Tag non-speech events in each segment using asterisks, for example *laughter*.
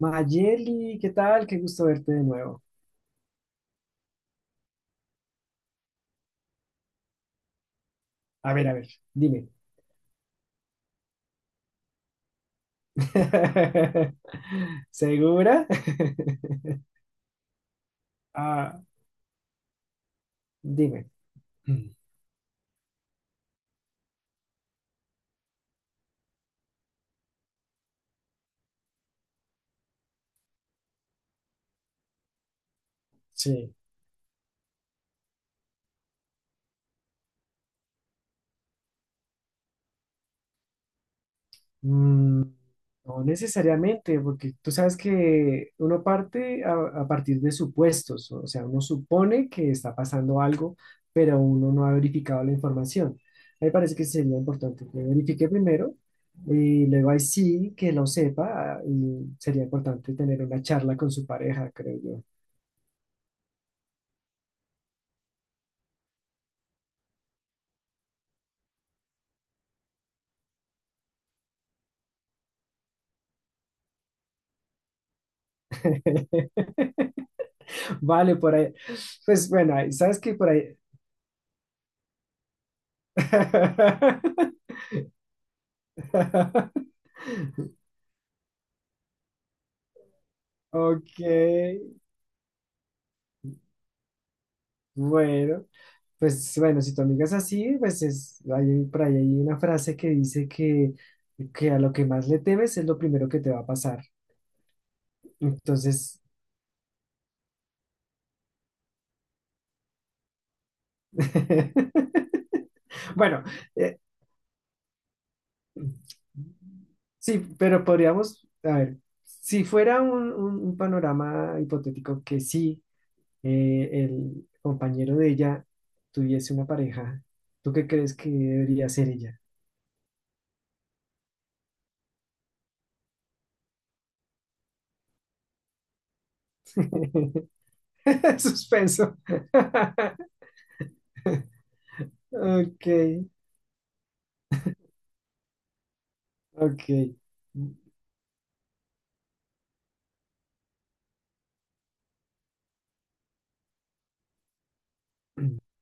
Mayeli, ¿qué tal? Qué gusto verte de nuevo. A ver, dime. *laughs* ¿Segura? *laughs* Ah, dime. Sí. Mm, no necesariamente, porque tú sabes que uno parte a partir de supuestos, o sea, uno supone que está pasando algo, pero uno no ha verificado la información. A mí me parece que sí sería importante que verifique primero y luego ahí sí que lo sepa ah, y sería importante tener una charla con su pareja, creo yo. *laughs* Vale, por ahí. Pues bueno, sabes que por ahí. *laughs* Ok, bueno. Pues bueno, si tu amiga es así, por ahí hay una frase que dice que a lo que más le temes es lo primero que te va a pasar. Entonces, *laughs* bueno, eh, sí, pero podríamos, a ver, si fuera un panorama hipotético que sí, el compañero de ella tuviese una pareja, ¿tú qué crees que debería ser ella? *laughs* Suspenso. *laughs* Ok. Ok. *clears throat*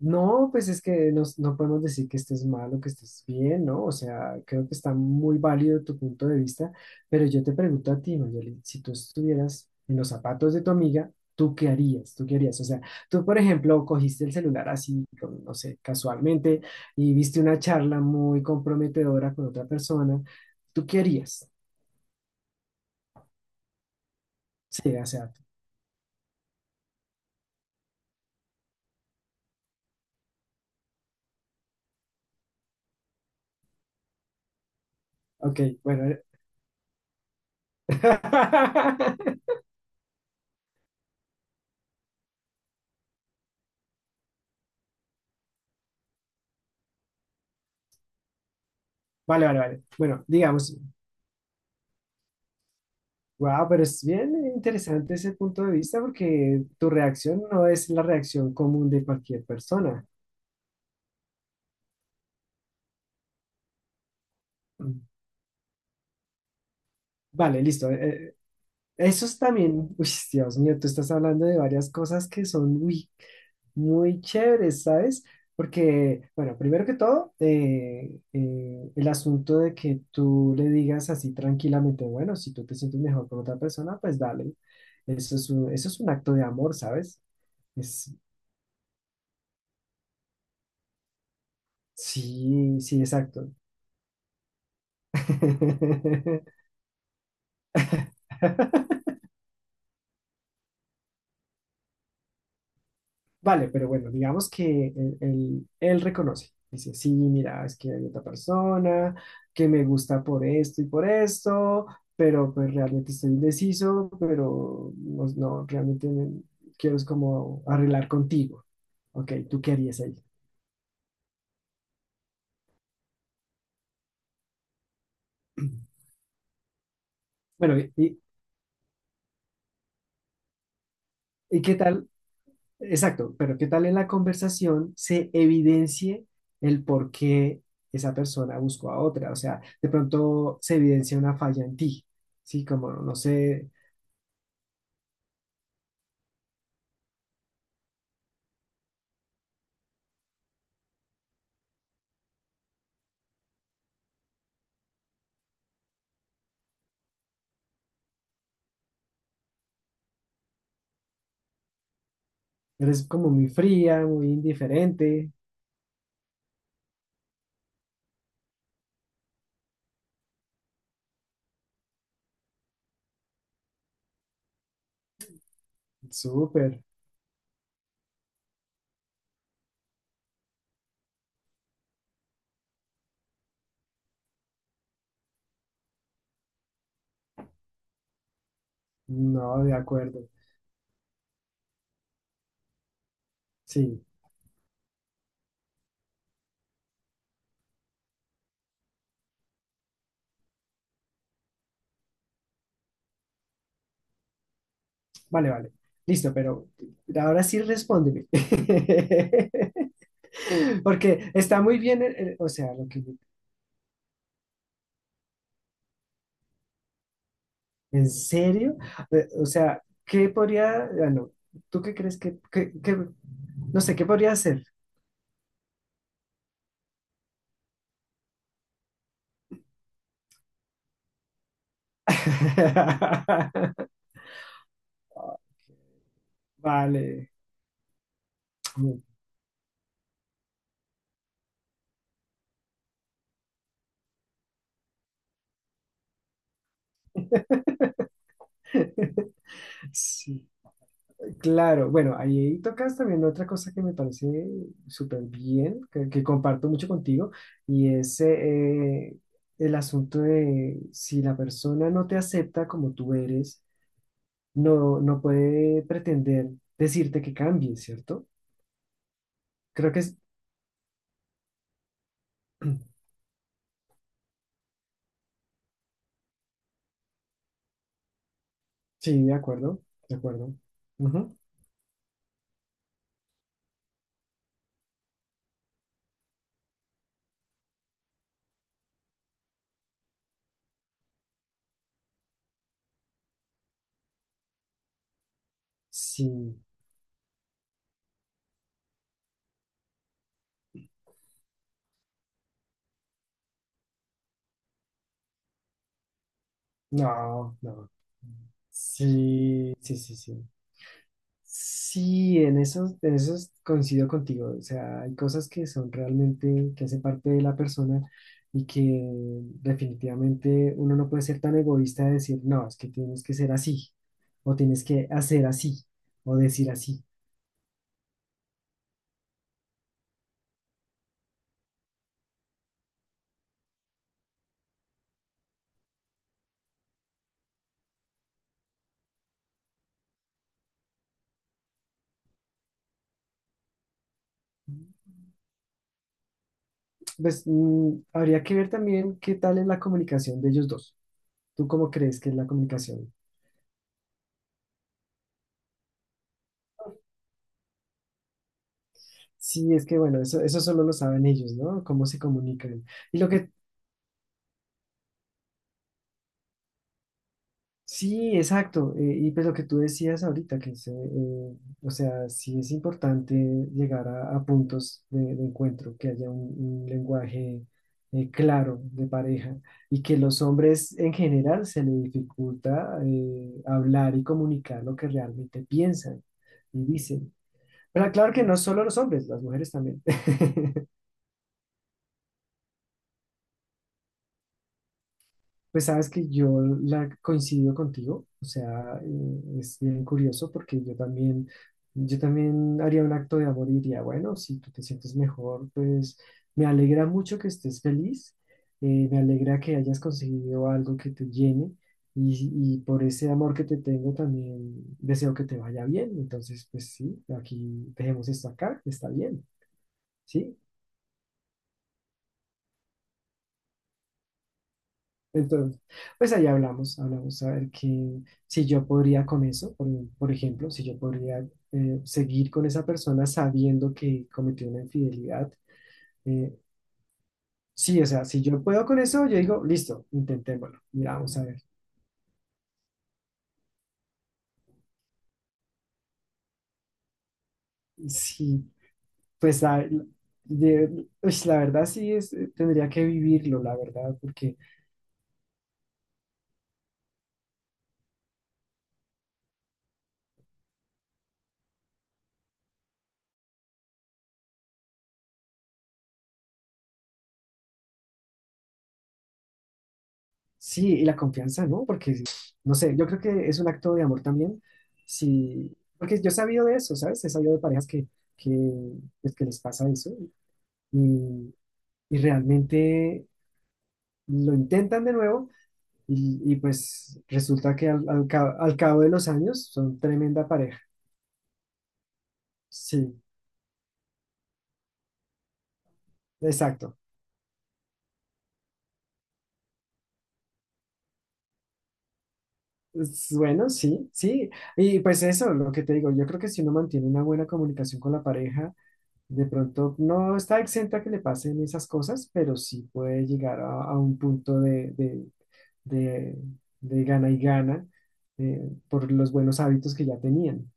No, pues es que nos- no, podemos decir que estés mal o que estés bien, ¿no? O sea, creo que está muy válido tu punto de vista, pero yo te pregunto a ti, Mayeli, si tú estuvieras en los zapatos de tu amiga, ¿tú qué harías? ¿Tú qué harías? O sea, tú, por ejemplo, cogiste el celular así, no sé, casualmente, y viste una charla muy comprometedora con otra persona, ¿tú qué harías? Sí, o sea, ok, bueno, *laughs* Vale, vale, vale. Bueno, digamos, wow, pero es bien interesante ese punto de vista porque tu reacción no es la reacción común de cualquier persona. Vale, listo. Eso es también, uy, Dios mío, tú estás hablando de varias cosas que son muy chéveres, ¿sabes? Porque, bueno, primero que todo, el asunto de que tú le digas así tranquilamente, bueno, si tú te sientes mejor con otra persona, pues dale. Eso es un acto de amor, ¿sabes? Es, sí, sí, exacto. *laughs* Vale, pero bueno, digamos que él reconoce. Dice, sí, mira, es que hay otra persona que me gusta por esto y por esto, pero pues realmente estoy indeciso, pero no, no, quiero es como arreglar contigo. Ok, ¿tú qué harías ahí? *clears throat* Bueno, ¿y qué tal exacto, pero ¿qué tal en la conversación se evidencie el por qué esa persona buscó a otra? O sea, de pronto se evidencia una falla en ti, ¿sí? Como, no sé, eres como muy fría, muy indiferente, súper, no, de acuerdo, sí, vale, vale, listo, pero ahora sí respóndeme. *laughs* Porque está muy bien, o sea, lo que ¿en serio? O sea, ¿qué podría, ah, no, ¿tú qué crees que, no sé, qué podría hacer? *laughs* Vale. Sí, claro. Bueno, ahí tocas también otra cosa que me parece súper bien, que comparto mucho contigo, y es el asunto de si la persona no te acepta como tú eres, no, no puede pretender decirte que cambies, ¿cierto? Creo que es... *clears throat* Sí, de acuerdo, de acuerdo. Ujú. Sí, no, no. Sí, sí, sí, sí. Sí, en eso coincido contigo. O sea, hay cosas que son realmente, que hacen parte de la persona y que definitivamente uno no puede ser tan egoísta de decir, no, es que tienes que ser así, o tienes que hacer así, o decir así. Pues mm, habría que ver también qué tal es la comunicación de ellos dos. ¿Tú cómo crees que es la comunicación? Sí, es que bueno, eso solo lo saben ellos, ¿no? Cómo se comunican. Y lo que, sí, exacto. Y pues lo que tú decías ahorita, o sea, sí es importante llegar a puntos de encuentro, que haya un lenguaje claro de pareja y que los hombres en general se les dificulta hablar y comunicar lo que realmente piensan y dicen. Pero claro que no solo los hombres, las mujeres también. *laughs* Pues sabes que yo la coincido contigo, o sea, es bien curioso porque yo también haría un acto de amor y diría, bueno, si tú te sientes mejor, pues me alegra mucho que estés feliz, me alegra que hayas conseguido algo que te llene y, y por ese amor que te tengo también deseo que te vaya bien, entonces pues sí, aquí dejemos esto acá, está bien, ¿sí? Entonces, pues ahí hablamos, hablamos a ver que, si yo podría con eso, por ejemplo, si yo podría seguir con esa persona sabiendo que cometió una infidelidad. eh, sí, o sea, si yo puedo con eso, yo digo, listo, intentémoslo. Mira, vamos a ver. Sí, pues la, uy, la verdad sí es, tendría que vivirlo, la verdad, porque sí, y la confianza, ¿no? Porque, no sé, yo creo que es un acto de amor también. Sí, porque yo he sabido de eso, ¿sabes? He sabido de parejas que, pues, que les pasa eso y, y realmente lo intentan de nuevo y pues resulta que al cabo de los años son tremenda pareja. Sí, exacto. Es bueno, sí, sí. Y pues eso, lo que te digo, yo creo que si uno mantiene una buena comunicación con la pareja, de pronto no está exenta que le pasen esas cosas, pero sí puede llegar a un punto de- de gana y gana eh, por los buenos hábitos que ya tenían.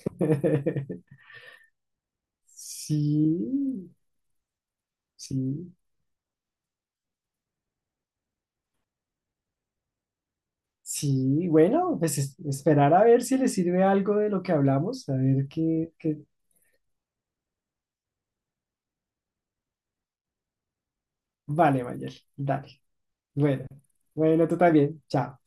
*laughs* Sí, sí, sí. Bueno, pues esperar a ver si le sirve algo de lo que hablamos, a ver qué, qué... Vale, Mayel, dale. Bueno, bueno, tú también. Chao.